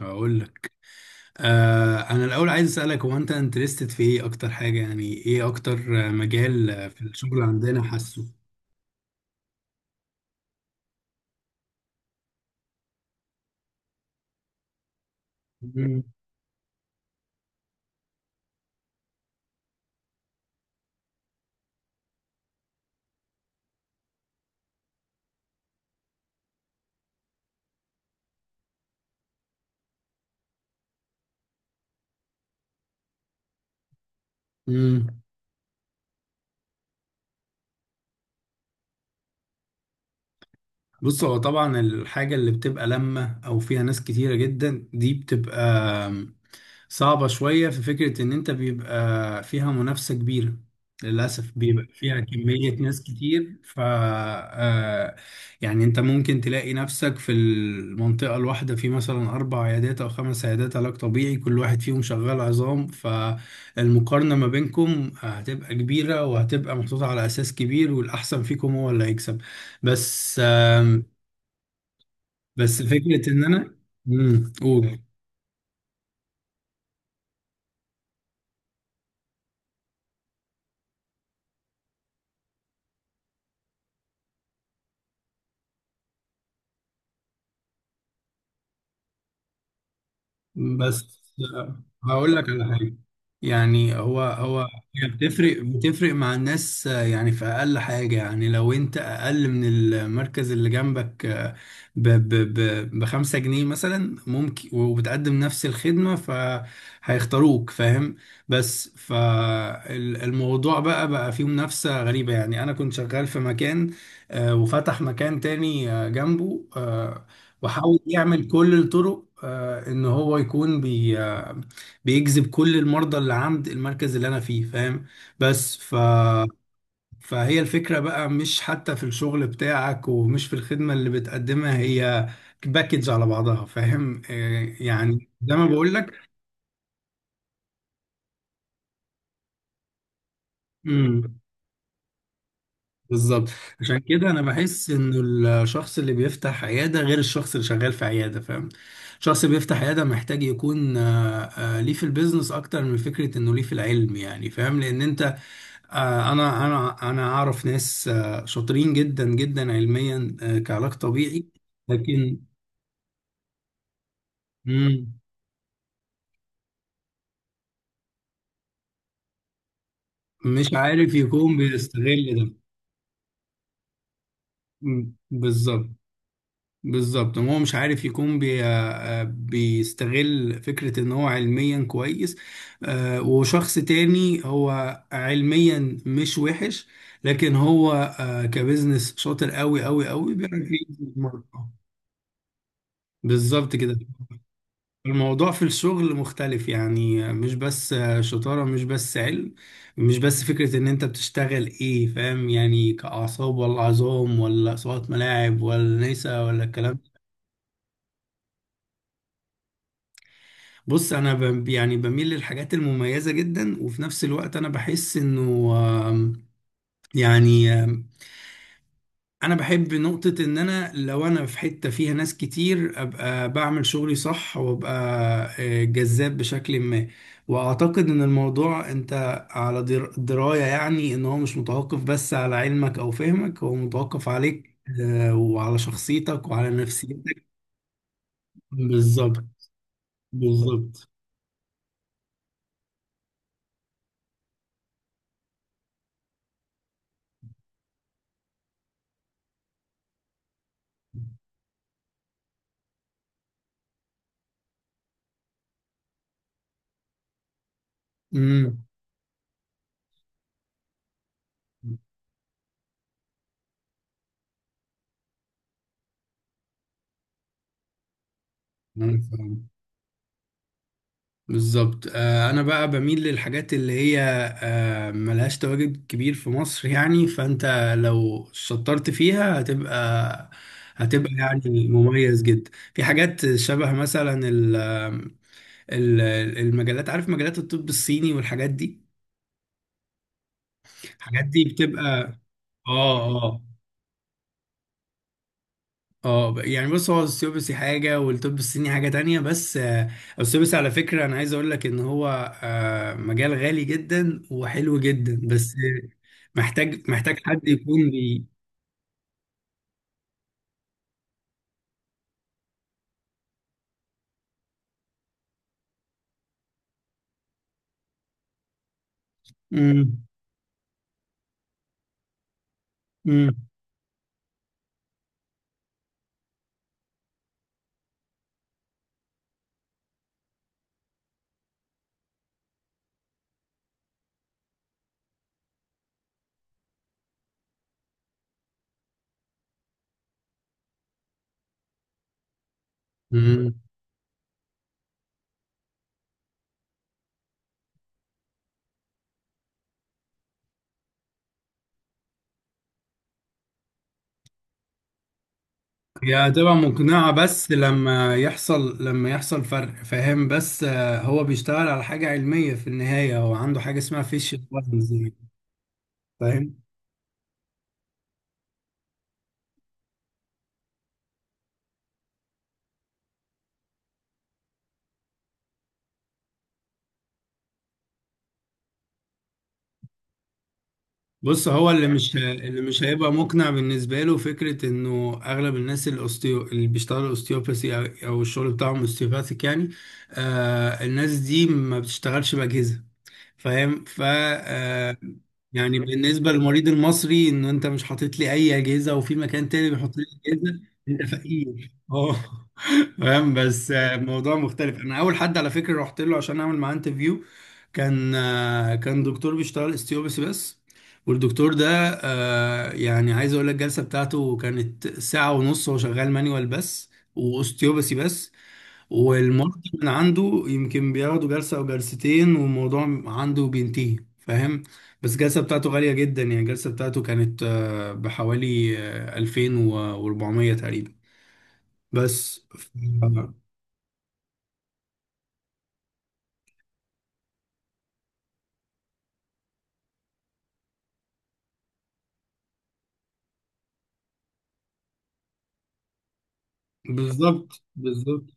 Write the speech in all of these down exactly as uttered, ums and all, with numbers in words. هقول لك آه انا الاول عايز اسالك، هو انت انترستد في ايه اكتر حاجه؟ يعني ايه اكتر آه، مجال آه، في الشغل عندنا، حاسه؟ مم. مم. بص، هو طبعا الحاجه اللي بتبقى لما او فيها ناس كتيره جدا دي بتبقى صعبة شوية، في فكرة إن أنت بيبقى فيها منافسة كبيرة، للأسف بيبقى فيها كمية ناس كتير، ف آه، يعني أنت ممكن تلاقي نفسك في المنطقة الواحدة في مثلا أربع عيادات أو خمس عيادات علاج طبيعي، كل واحد فيهم شغال عظام، فالمقارنة ما بينكم هتبقى كبيرة وهتبقى محطوطة على أساس كبير، والأحسن فيكم هو اللي هيكسب. بس آم، بس فكرة إن أنا، مم، قول. بس آه، هقول لك على حاجه. يعني هو هو. هي بتفرق بتفرق مع الناس، آه، يعني في اقل حاجه، يعني لو انت اقل من المركز اللي جنبك آه، ب ب ب بخمسة جنيه مثلا، ممكن وبتقدم نفس الخدمه فهيختاروك، فاهم؟ بس فالموضوع بقى بقى فيه منافسه غريبه. يعني انا كنت شغال في مكان، آه، وفتح مكان تاني آه، جنبه، آه، وحاول يعمل كل الطرق آه، ان هو يكون بي آه، بيجذب كل المرضى اللي عند المركز اللي انا فيه، فاهم؟ بس ف فهي الفكرة بقى، مش حتى في الشغل بتاعك، ومش في الخدمة اللي بتقدمها، هي باكج على بعضها، فاهم؟ آه، يعني زي ما بقول لك، بالظبط. عشان كده انا بحس انه الشخص اللي بيفتح عياده غير الشخص اللي شغال في عياده، فاهم؟ الشخص اللي بيفتح عياده محتاج يكون آه، آه، ليه في البيزنس اكتر من فكره انه ليه في العلم، يعني فاهم؟ لان انت آه، انا انا انا اعرف ناس آه، شاطرين جدا جدا علميا آه، كعلاج طبيعي، لكن مم، مش عارف يكون بيستغل ده. مم، بالظبط. بالظبط، ما هو مش عارف يكون بي... آه، آه، بيستغل فكرة ان هو علميا كويس، آه، وشخص تاني هو علميا مش وحش، لكن هو آه، كبزنس شاطر قوي قوي قوي، بيعرف يجذب المرأة. بالظبط كده. الموضوع في الشغل مختلف، يعني آه، مش بس آه، شطارة، مش بس علم، مش بس فكرة ان انت بتشتغل ايه، فاهم؟ يعني كأعصاب ولا عظام ولا صوت ملاعب ولا نسا ولا الكلام. بص، انا ب- يعني بميل للحاجات المميزه جدا، وفي نفس الوقت انا بحس انه آم، يعني آم، انا بحب نقطه ان انا لو انا في حته فيها ناس كتير، ابقى بعمل شغلي صح وابقى آه، جذاب بشكل ما. واعتقد ان الموضوع انت على در- درايه، يعني ان هو مش متوقف بس على علمك او فهمك، هو متوقف عليك آه، وعلى شخصيتك وعلى نفسيتك. بالظبط. بالظبط. امم. بالظبط. آه، انا بقى بميل للحاجات اللي هي آه، ملهاش تواجد كبير في مصر. يعني فانت لو شطرت فيها هتبقى، هتبقى يعني مميز جدا في حاجات شبه مثلا ال ال- المجلات، عارف مجلات الطب الصيني والحاجات دي؟ الحاجات دي بتبقى. اه اه اه. ب- يعني بص، هو السيوبسي حاجة والطب الصيني حاجة تانية، بس آه، السيوبسي على فكرة، أنا عايز أقول لك إن هو آه، مجال غالي جدا وحلو جدا، بس آه، محتاج محتاج حد يكون بي مم. مم. مم. هي هتبقى مقنعة بس لما يحصل لما يحصل فرق، فاهم؟ بس آه، هو بيشتغل على حاجة علمية في النهاية، هو عنده حاجة اسمها فيش، فاهم؟ بص، هو اللي مش اللي مش هيبقى مقنع بالنسبة له، فكرة انه اغلب الناس الاوستيو اللي بيشتغلوا اوستيوباثي او أو الشغل بتاعهم اوستيوباثيك، يعني آه، الناس دي ما بتشتغلش بأجهزة، فاهم؟ ف آه، يعني بالنسبه للمريض المصري، ان انت مش حاطط لي اي اجهزه، وفي مكان تاني بيحط لي اجهزه، انت فقير، اه فاهم؟ بس آه، الموضوع مختلف. انا اول حد على فكره رحت له عشان اعمل معاه انترفيو، كان آه، كان دكتور بيشتغل استيوبس بس. والدكتور ده آه، يعني عايز اقول لك، الجلسه بتاعته كانت ساعه ونص، هو شغال مانيوال بس واستيوبسي بس، والمرضي من عنده يمكن بياخده جلسة أو جلستين والموضوع عنده بينتهي، فاهم؟ بس الجلسة بتاعته غالية جدا، يعني الجلسة بتاعته كانت آه، بحوالي آه، ألفين وأربعمية تقريبا، بس. ف- بالظبط. بالظبط.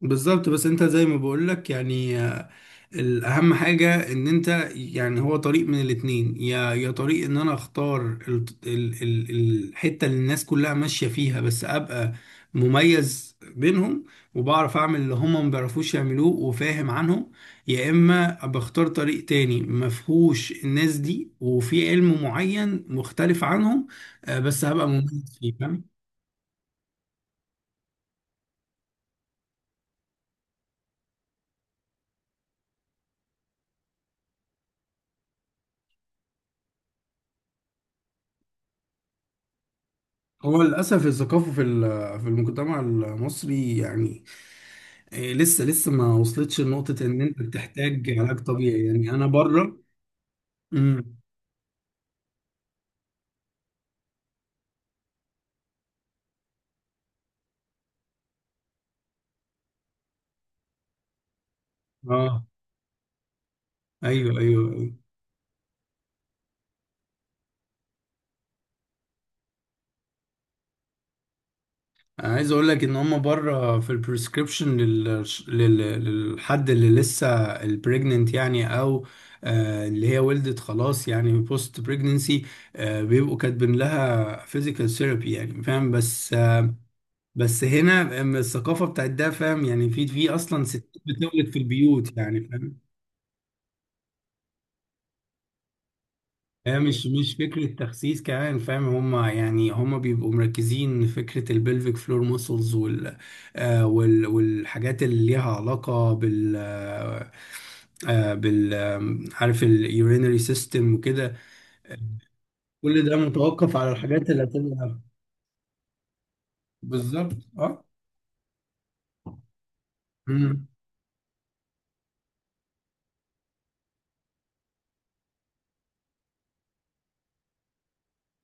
بالظبط. بس انت زي ما بقولك، يعني آه، الاهم حاجة ان انت، يعني هو طريق من الاتنين: يا يا طريق ان انا اختار ال ال ال الحتة اللي الناس كلها ماشية فيها، بس ابقى مميز بينهم، وبعرف اعمل اللي هما ما بيعرفوش يعملوه، وفاهم عنهم. يا اما بختار طريق تاني ما فيهوش الناس دي، وفي علم معين مختلف عنهم، آه، بس هبقى مميز فيه، فاهم؟ هو للأسف الثقافة في ال- في المجتمع المصري، يعني إيه، لسه لسه ما وصلتش لنقطة إن أنت بتحتاج علاج طبيعي، يعني أنا بره. امم. أه. أيوه أيوه أيوه. أنا عايز أقول لك إن هما بره في البريسكريبشن لل... لل... للحد اللي لسه البريجننت، يعني أو آه اللي هي ولدت خلاص، يعني بوست بريجننسي، آه، بيبقوا كاتبين لها فيزيكال ثيرابي، يعني فاهم؟ بس آه، بس هنا أم الثقافة بتاعت ده، فاهم؟ يعني في في أصلا ستات بتولد في البيوت، يعني فاهم. هي مش مش فكرة تخسيس كمان، فاهم؟ هما يعني هما بيبقوا مركزين فكرة البلفيك فلور ماسلز، وال آه وال والحاجات اللي ليها علاقة بال آه آه، بال آم، عارف، اليورينري سيستم وكده. كل ده متوقف على الحاجات اللي هتبقى. بالظبط اه. امم.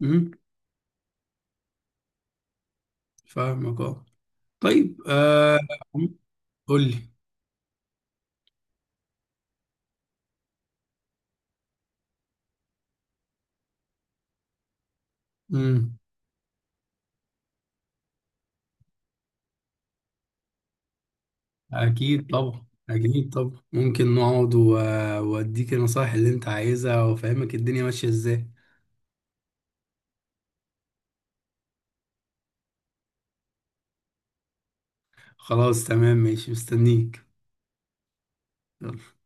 امم. فاهمك اه. طيب آه قول لي. أكيد طبعا، أكيد طبعا، ممكن نقعد و- وأديك النصايح اللي أنت عايزها، وأفهمك الدنيا ماشية إزاي. خلاص تمام ماشي، مستنيك. يلا.